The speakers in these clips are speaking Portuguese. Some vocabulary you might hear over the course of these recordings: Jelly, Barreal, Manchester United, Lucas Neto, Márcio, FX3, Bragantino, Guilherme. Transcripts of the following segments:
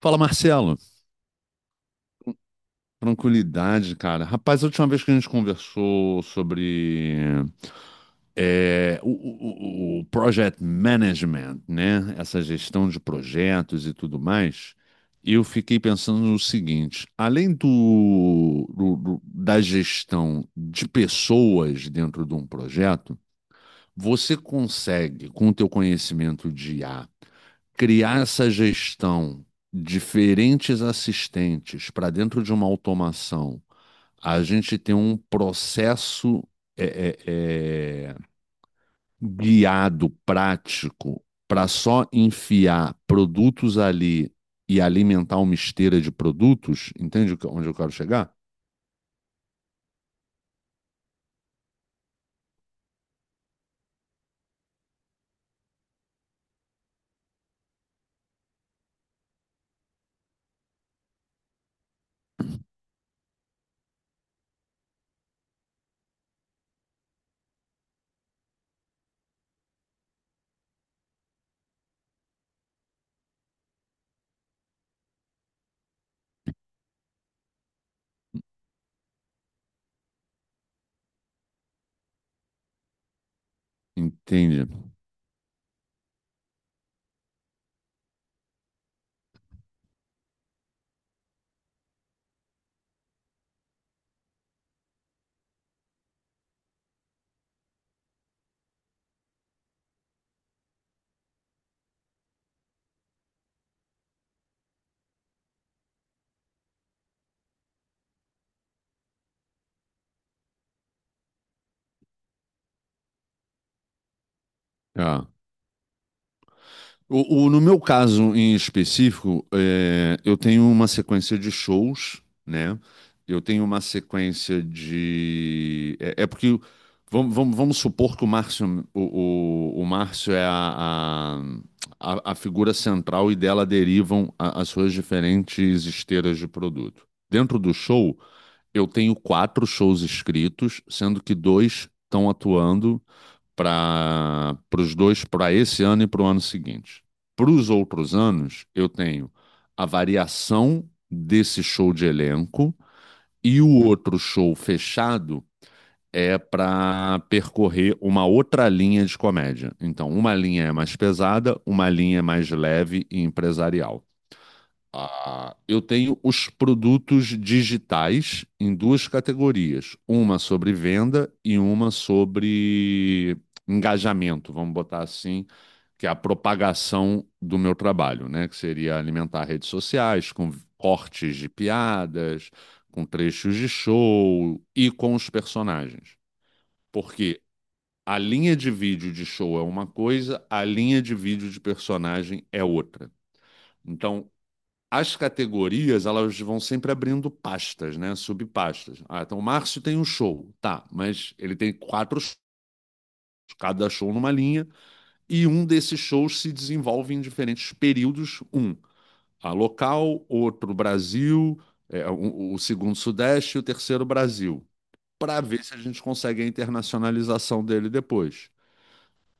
Fala, Marcelo. Tranquilidade, cara. Rapaz, a última vez que a gente conversou sobre o project management, né? Essa gestão de projetos e tudo mais, eu fiquei pensando no seguinte: além da gestão de pessoas dentro de um projeto, você consegue, com o teu conhecimento de I A criar essa gestão, diferentes assistentes para dentro de uma automação, a gente tem um processo é, é, é, guiado, prático, para só enfiar produtos ali e alimentar uma esteira de produtos, entende onde eu quero chegar? Entende. Ah. No meu caso em específico, eu tenho uma sequência de shows, né? Eu tenho uma sequência de. É, é porque vamos supor que o Márcio, o Márcio é a figura central e dela derivam a- as suas diferentes esteiras de produto. Dentro do show, eu tenho quatro shows escritos, sendo que dois estão atuando para os dois, para esse ano e para o ano seguinte. Para os outros anos, eu tenho a variação desse show de elenco e o outro show fechado é para percorrer uma outra linha de comédia. Então, uma linha é mais pesada, uma linha é mais leve e empresarial. Ah, eu tenho os produtos digitais em duas categorias, uma sobre venda e uma sobre engajamento, vamos botar assim, que é a propagação do meu trabalho, né? Que seria alimentar redes sociais com cortes de piadas, com trechos de show e com os personagens. Porque a linha de vídeo de show é uma coisa, a linha de vídeo de personagem é outra. Então, as categorias elas vão sempre abrindo pastas, né? Subpastas. Ah, então o Márcio tem um show, tá, mas ele tem quatro shows, cada show numa linha, e um desses shows se desenvolve em diferentes períodos. Um, a local, outro Brasil, o segundo Sudeste e o terceiro Brasil, para ver se a gente consegue a internacionalização dele depois,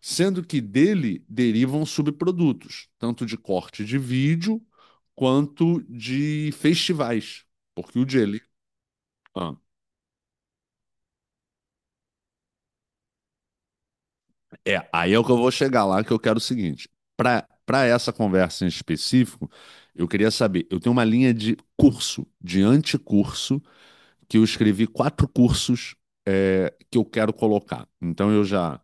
sendo que dele derivam subprodutos, tanto de corte de vídeo quanto de festivais. Porque o Jelly. Ah, é, aí é o que eu vou chegar lá, que eu quero o seguinte. Para essa conversa em específico, eu queria saber, eu tenho uma linha de curso, de anticurso, que eu escrevi quatro cursos que eu quero colocar. Então eu já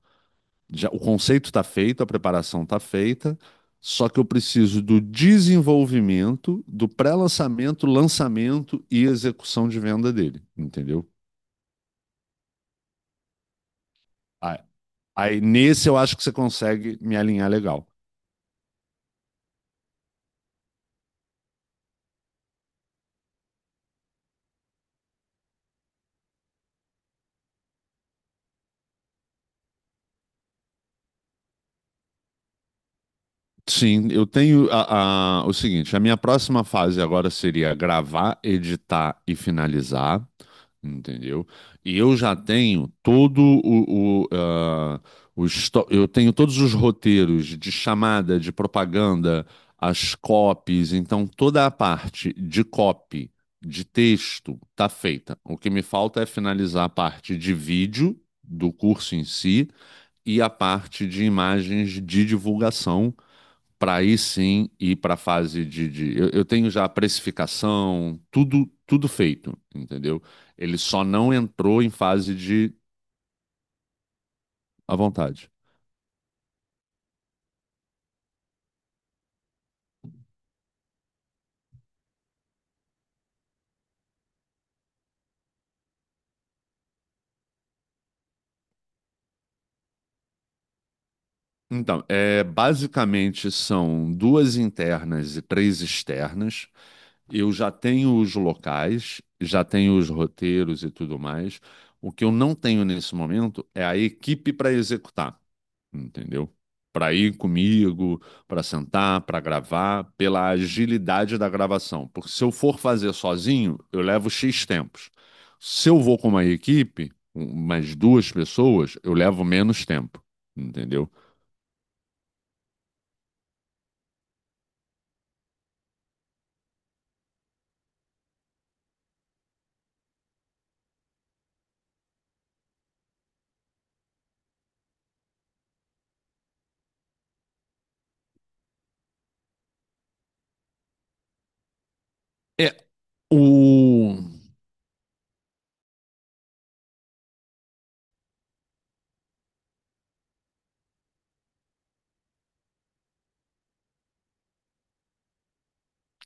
já, o conceito está feito, a preparação está feita, só que eu preciso do desenvolvimento, do pré-lançamento, lançamento e execução de venda dele, entendeu? Aí, aí nesse eu acho que você consegue me alinhar legal. Sim, eu tenho o seguinte, a minha próxima fase agora seria gravar, editar e finalizar, entendeu? E eu já tenho todo o histó- eu tenho todos os roteiros de chamada, de propaganda, as copies, então toda a parte de copy, de texto, tá feita. O que me falta é finalizar a parte de vídeo do curso em si e a parte de imagens de divulgação para aí sim ir para a fase de- Eu tenho já a precificação, tudo, tudo feito, entendeu? Ele só não entrou em fase de à vontade. Então, é, basicamente são duas internas e três externas. Eu já tenho os locais, já tenho os roteiros e tudo mais. O que eu não tenho nesse momento é a equipe para executar. Entendeu? Para ir comigo, para sentar, para gravar, pela agilidade da gravação. Porque se eu for fazer sozinho, eu levo X tempos. Se eu vou com uma equipe, umas duas pessoas, eu levo menos tempo, entendeu? É, o...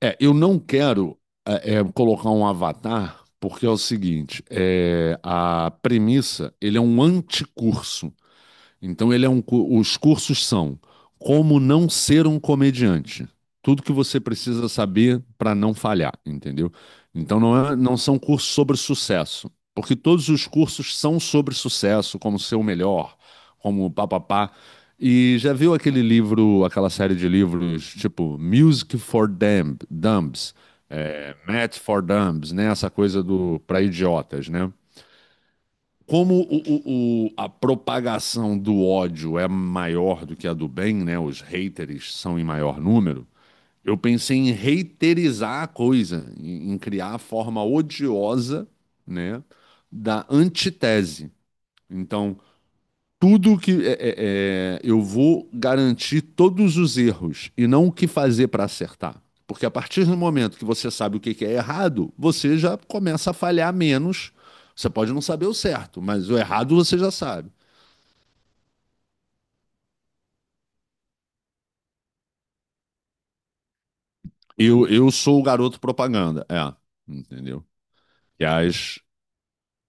é, eu não quero colocar um avatar, porque é o seguinte, é, a premissa, ele é um anticurso. Então ele é um, cu- os cursos são como não ser um comediante. Tudo que você precisa saber para não falhar, entendeu? Então não é- não são cursos sobre sucesso, porque todos os cursos são sobre sucesso, como ser o melhor, como papapá. E já viu aquele livro, aquela série de livros, tipo Music for Dumb, Dumbs, é, Math for Dumbs, né? Essa coisa do para idiotas, né? Como a propagação do ódio é maior do que a do bem, né? Os haters são em maior número. Eu pensei em haterizar a coisa, em, em criar a forma odiosa, né, da antitese. Então, tudo que eu vou garantir todos os erros e não o que fazer para acertar. Porque a partir do momento que você sabe o que que é errado, você já começa a falhar menos. Você pode não saber o certo, mas o errado você já sabe. Eu sou o garoto propaganda, é, entendeu? E, as,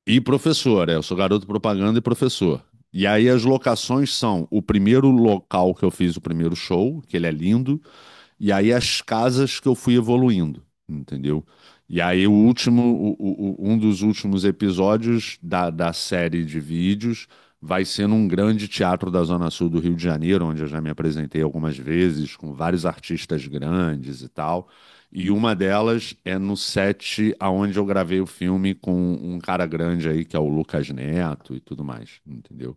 e professor, é, eu sou garoto propaganda e professor. E aí as locações são o primeiro local que eu fiz o primeiro show, que ele é lindo. E aí as casas que eu fui evoluindo, entendeu? E aí o último, um dos últimos episódios da, da série de vídeos vai ser num grande teatro da Zona Sul do Rio de Janeiro, onde eu já me apresentei algumas vezes com vários artistas grandes e tal. E uma delas é no set aonde eu gravei o filme com um cara grande aí, que é o Lucas Neto e tudo mais, entendeu?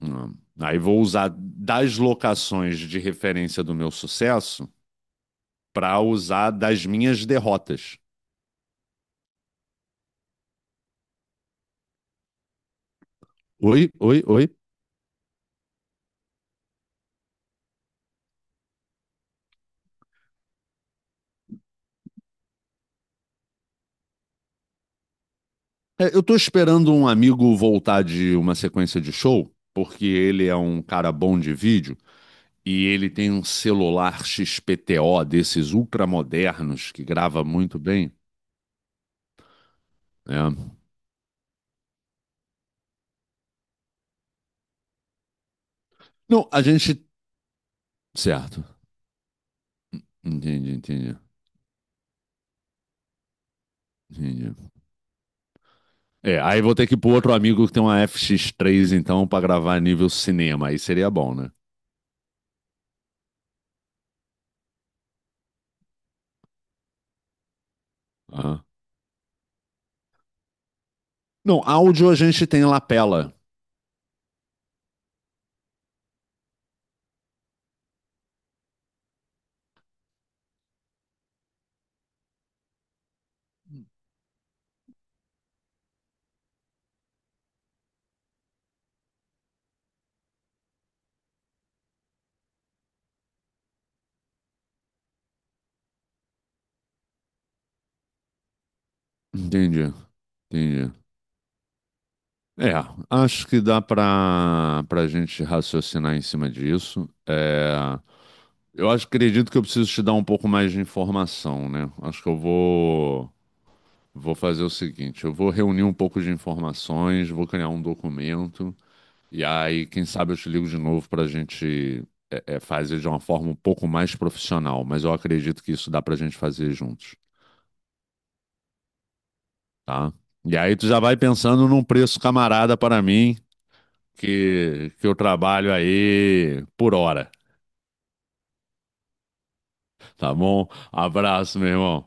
Hum. Aí vou usar das locações de referência do meu sucesso para usar das minhas derrotas. Oi, oi, oi. É, eu tô esperando um amigo voltar de uma sequência de show, porque ele é um cara bom de vídeo e ele tem um celular XPTO desses ultramodernos que grava muito bem. É. Não, a gente. Certo. Entendi, entendi. Entendi. É, aí vou ter que ir pro outro amigo que tem uma FX3, então, pra gravar nível cinema. Aí seria bom, né? Aham. Não, áudio a gente tem lapela. Entendi, entendi. É, acho que dá para a gente raciocinar em cima disso. É, eu acho, acredito que eu preciso te dar um pouco mais de informação, né? Acho que eu vou fazer o seguinte, eu vou reunir um pouco de informações, vou criar um documento. E aí, quem sabe eu te ligo de novo para a gente fazer de uma forma um pouco mais profissional, mas eu acredito que isso dá para a gente fazer juntos, tá? E aí tu já vai pensando num preço camarada para mim, que eu trabalho aí por hora, tá bom? Abraço, meu irmão.